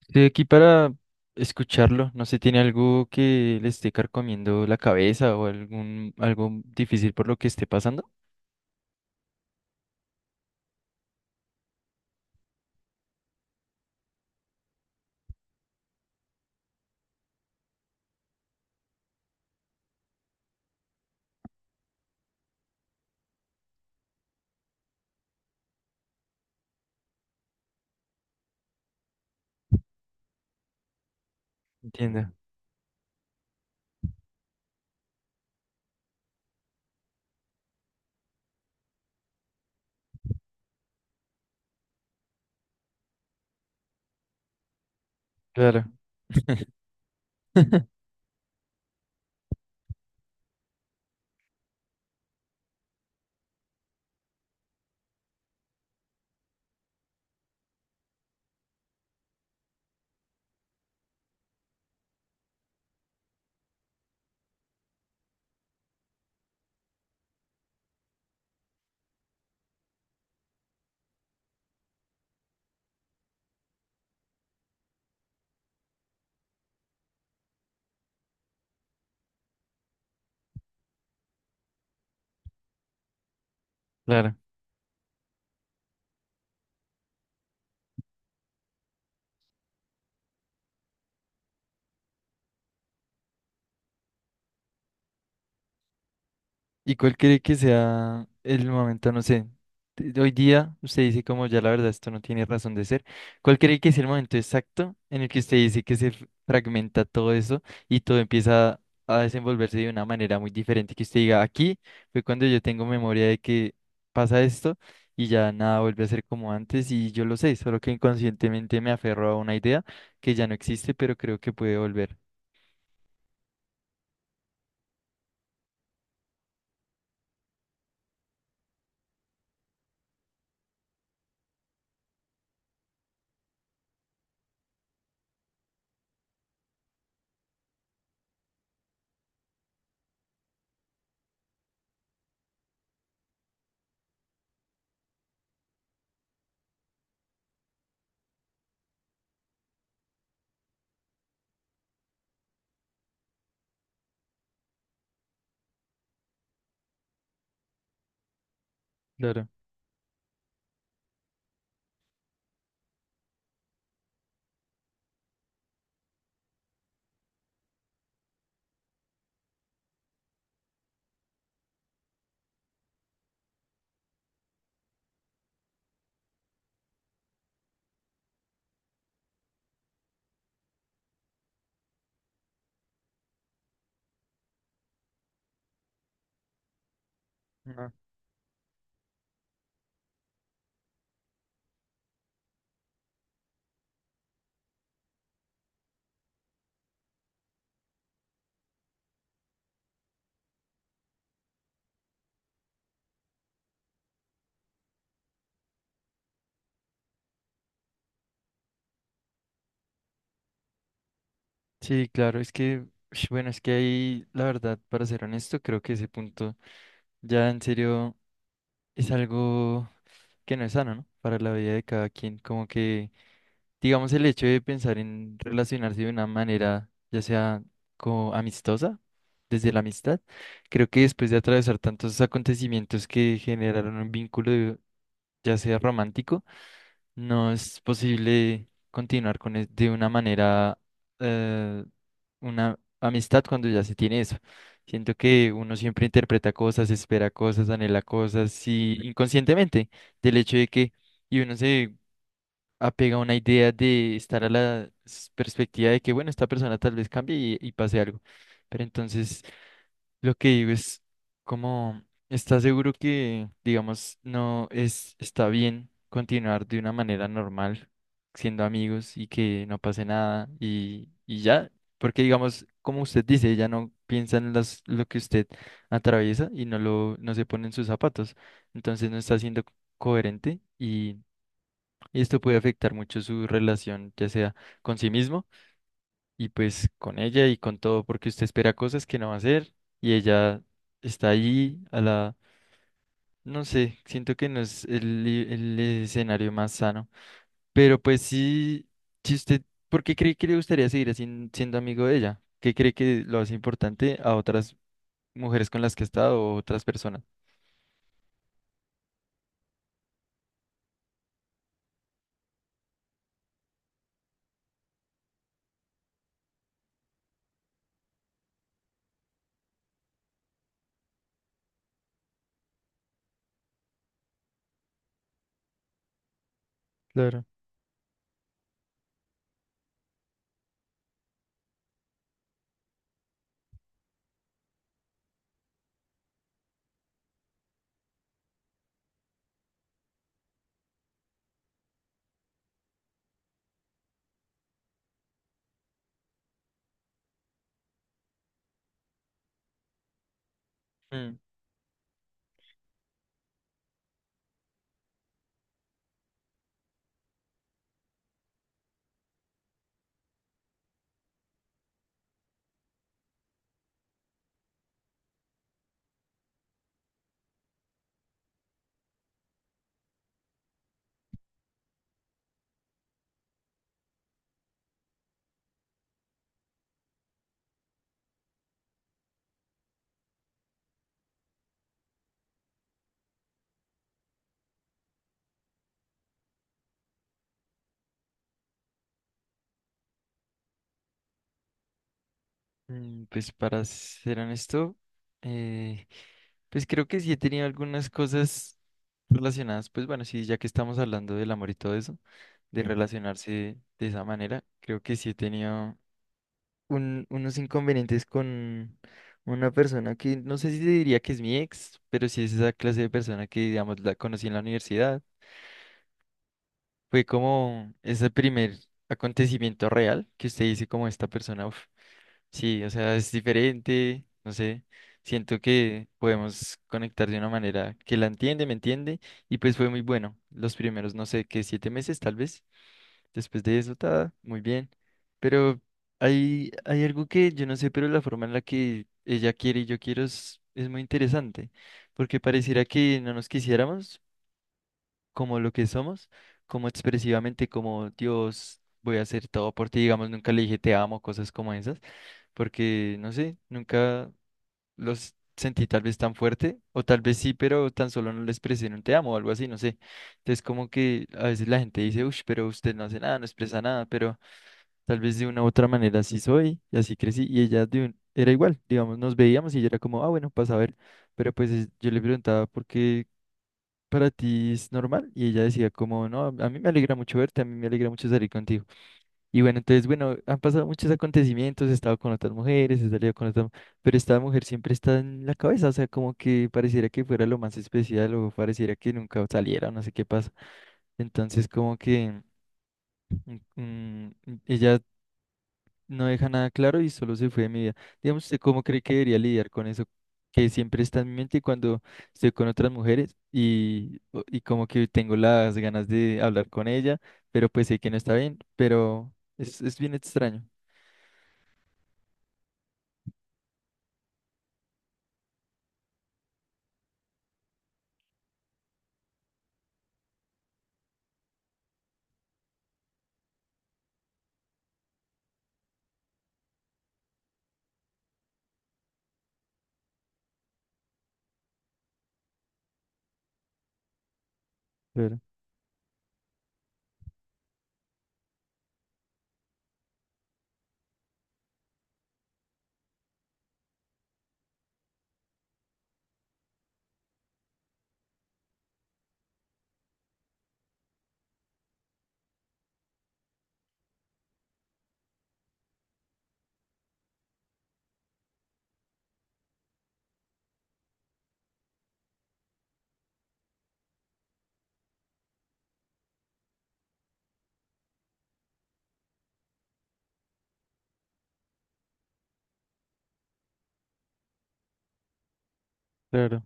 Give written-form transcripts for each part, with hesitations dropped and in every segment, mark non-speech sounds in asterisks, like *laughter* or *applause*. Estoy aquí para escucharlo. No sé, ¿tiene algo que le esté carcomiendo la cabeza o algún algo difícil por lo que esté pasando? Entiendo. Claro, *laughs* claro. ¿Y cuál cree que sea el momento, no sé, hoy día usted dice como ya la verdad esto no tiene razón de ser, ¿cuál cree que es el momento exacto en el que usted dice que se fragmenta todo eso y todo empieza a desenvolverse de una manera muy diferente, que usted diga, aquí fue cuando yo tengo memoria de que pasa esto y ya nada vuelve a ser como antes y yo lo sé, solo que inconscientemente me aferro a una idea que ya no existe, pero creo que puede volver. Claro. Sí, claro, ush, bueno, es que ahí, la verdad, para ser honesto, creo que ese punto ya en serio es algo que no es sano, ¿no? Para la vida de cada quien, como que, digamos, el hecho de pensar en relacionarse de una manera, ya sea como amistosa, desde la amistad, creo que después de atravesar tantos acontecimientos que generaron un vínculo, ya sea romántico, no es posible continuar con de una manera eh, una amistad cuando ya se tiene eso. Siento que uno siempre interpreta cosas, espera cosas, anhela cosas y inconscientemente del hecho de que y uno se apega a una idea de estar a la perspectiva de que bueno, esta persona tal vez cambie y pase algo. Pero entonces lo que digo es como, ¿estás seguro que, digamos, no es, está bien continuar de una manera normal, siendo amigos y que no pase nada y ya? Porque, digamos, como usted dice, ella no piensa en lo que usted atraviesa y no se pone en sus zapatos. Entonces no está siendo coherente y esto puede afectar mucho su relación, ya sea con sí mismo y pues con ella y con todo, porque usted espera cosas que no va a hacer y ella está ahí a la, no sé, siento que no es el escenario más sano, pero pues sí, si usted, ¿por qué cree que le gustaría seguir así siendo amigo de ella? ¿Qué cree que lo hace importante a otras mujeres con las que ha estado o otras personas? Claro. Mm, Pues para ser honesto, eh, pues creo que sí he tenido algunas cosas relacionadas, pues bueno, sí, ya que estamos hablando del amor y todo eso, de relacionarse de esa manera. Creo que sí he tenido unos inconvenientes con una persona que no sé si te diría que es mi ex, pero sí es esa clase de persona que, digamos, la conocí en la universidad. Fue como ese primer acontecimiento real que usted dice como esta persona, uf, sí, o sea, es diferente, no sé. Siento que podemos conectar de una manera que la entiende, me entiende, y pues fue muy bueno. Los primeros, no sé, que siete meses tal vez. Después de eso, está muy bien. Pero hay algo que yo no sé, pero la forma en la que ella quiere y yo quiero es muy interesante, porque pareciera que no nos quisiéramos como lo que somos, como expresivamente, como Dios, voy a hacer todo por ti, digamos, nunca le dije te amo, cosas como esas, porque no sé, nunca los sentí tal vez tan fuerte, o tal vez sí, pero tan solo no le expresé en un te amo o algo así, no sé. Entonces como que a veces la gente dice, uff, pero usted no hace nada, no expresa nada, pero... Tal vez de una u otra manera así soy, y así crecí, y ella era igual, digamos, nos veíamos y ella era como, ah, bueno, pasa a ver, pero pues yo le preguntaba por qué para ti es normal, y ella decía como, no, a mí me alegra mucho verte, a mí me alegra mucho salir contigo. Y bueno, entonces, bueno, han pasado muchos acontecimientos, he estado con otras mujeres, he salido con otras, pero esta mujer siempre está en la cabeza, o sea, como que pareciera que fuera lo más especial o pareciera que nunca saliera, o no sé qué pasa. Entonces, como que... Mm, mm, ella no deja nada claro y solo se fue de mi vida. Digamos, ¿usted cómo cree que debería lidiar con eso que siempre está en mi mente cuando estoy con otras mujeres y como que tengo las ganas de hablar con ella, pero pues sé que no está bien, pero es bien extraño. Claro, claro.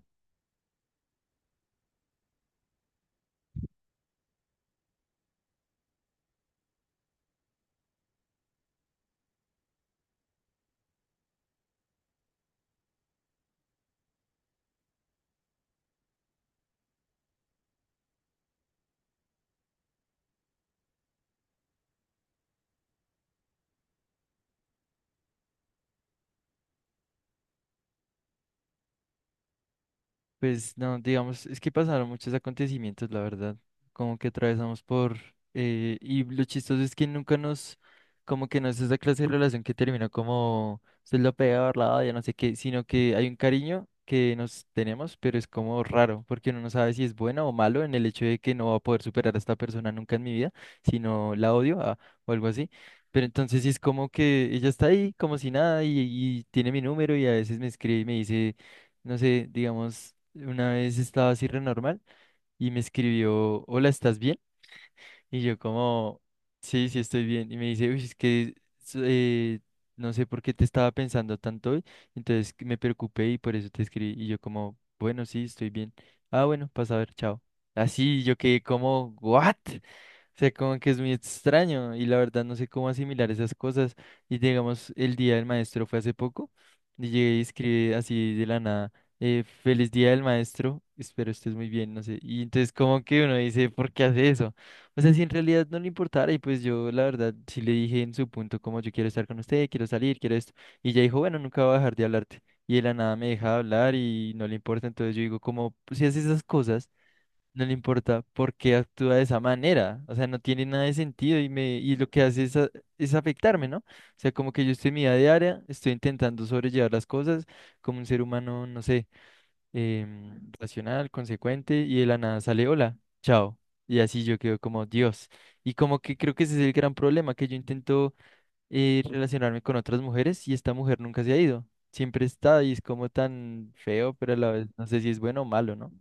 Pues no, digamos, es que pasaron muchos acontecimientos, la verdad, como que atravesamos por, y lo chistoso es que nunca nos, como que no es esa clase de relación que termina como, se lo peor, la odia, no sé qué, sino que hay un cariño que nos tenemos, pero es como raro, porque uno no sabe si es bueno o malo en el hecho de que no va a poder superar a esta persona nunca en mi vida, sino la odio ah, o algo así. Pero entonces sí es como que ella está ahí como si nada y tiene mi número y a veces me escribe y me dice no sé, digamos, una vez estaba así re normal y me escribió, hola, ¿estás bien? Y yo como, sí, sí estoy bien. Y me dice, uy, es que s- eh, no sé por qué te estaba pensando tanto hoy. Entonces que me preocupé y por eso te escribí. Y yo como, bueno, sí, estoy bien. Ah, bueno, pasa a ver, chao. Así yo quedé como, ¿what? O sea, como que es muy extraño y la verdad no sé cómo asimilar esas cosas. Y digamos, el día del maestro fue hace poco y llegué y escribí así de la nada, feliz día del maestro, espero estés muy bien, no sé. Y entonces como que uno dice, ¿por qué hace eso? O sea, si en realidad no le importara, y pues yo la verdad sí le dije en su punto como yo quiero estar con usted, quiero salir, quiero esto. Y ella dijo, bueno, nunca voy a dejar de hablarte. Y de la nada me deja de hablar y no le importa. Entonces yo digo, como pues, si hace esas cosas, no le importa por qué actúa de esa manera. O sea, no tiene nada de sentido y lo que hace es, es afectarme, ¿no? O sea, como que yo estoy en mi vida diaria, estoy intentando sobrellevar las cosas como un ser humano, no sé racional, consecuente, y de la nada sale, hola, chao. Y así yo quedo como Dios. Y como que creo que ese es el gran problema, que yo intento relacionarme con otras mujeres y esta mujer nunca se ha ido. Siempre está y es como tan feo, pero a la vez no sé si es bueno o malo, ¿no?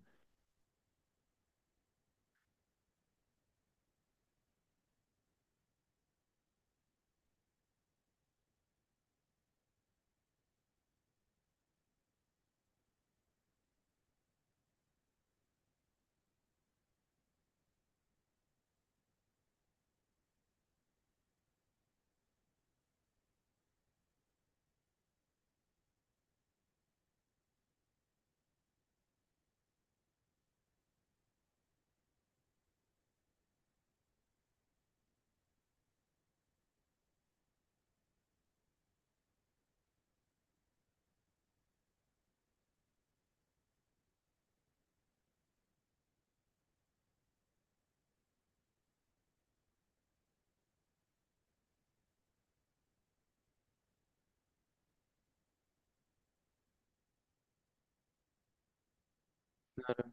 Claro.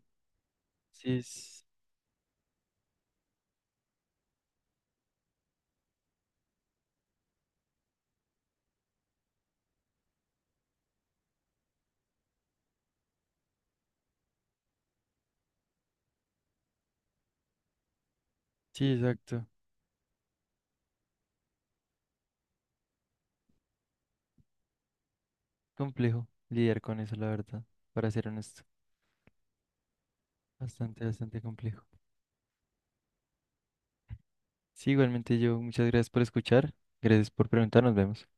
Sí, sí, exacto. Complejo lidiar con eso, la verdad, para ser honesto. Bastante, bastante complejo. Sí, igualmente yo, muchas gracias por escuchar. Gracias por preguntar, nos vemos.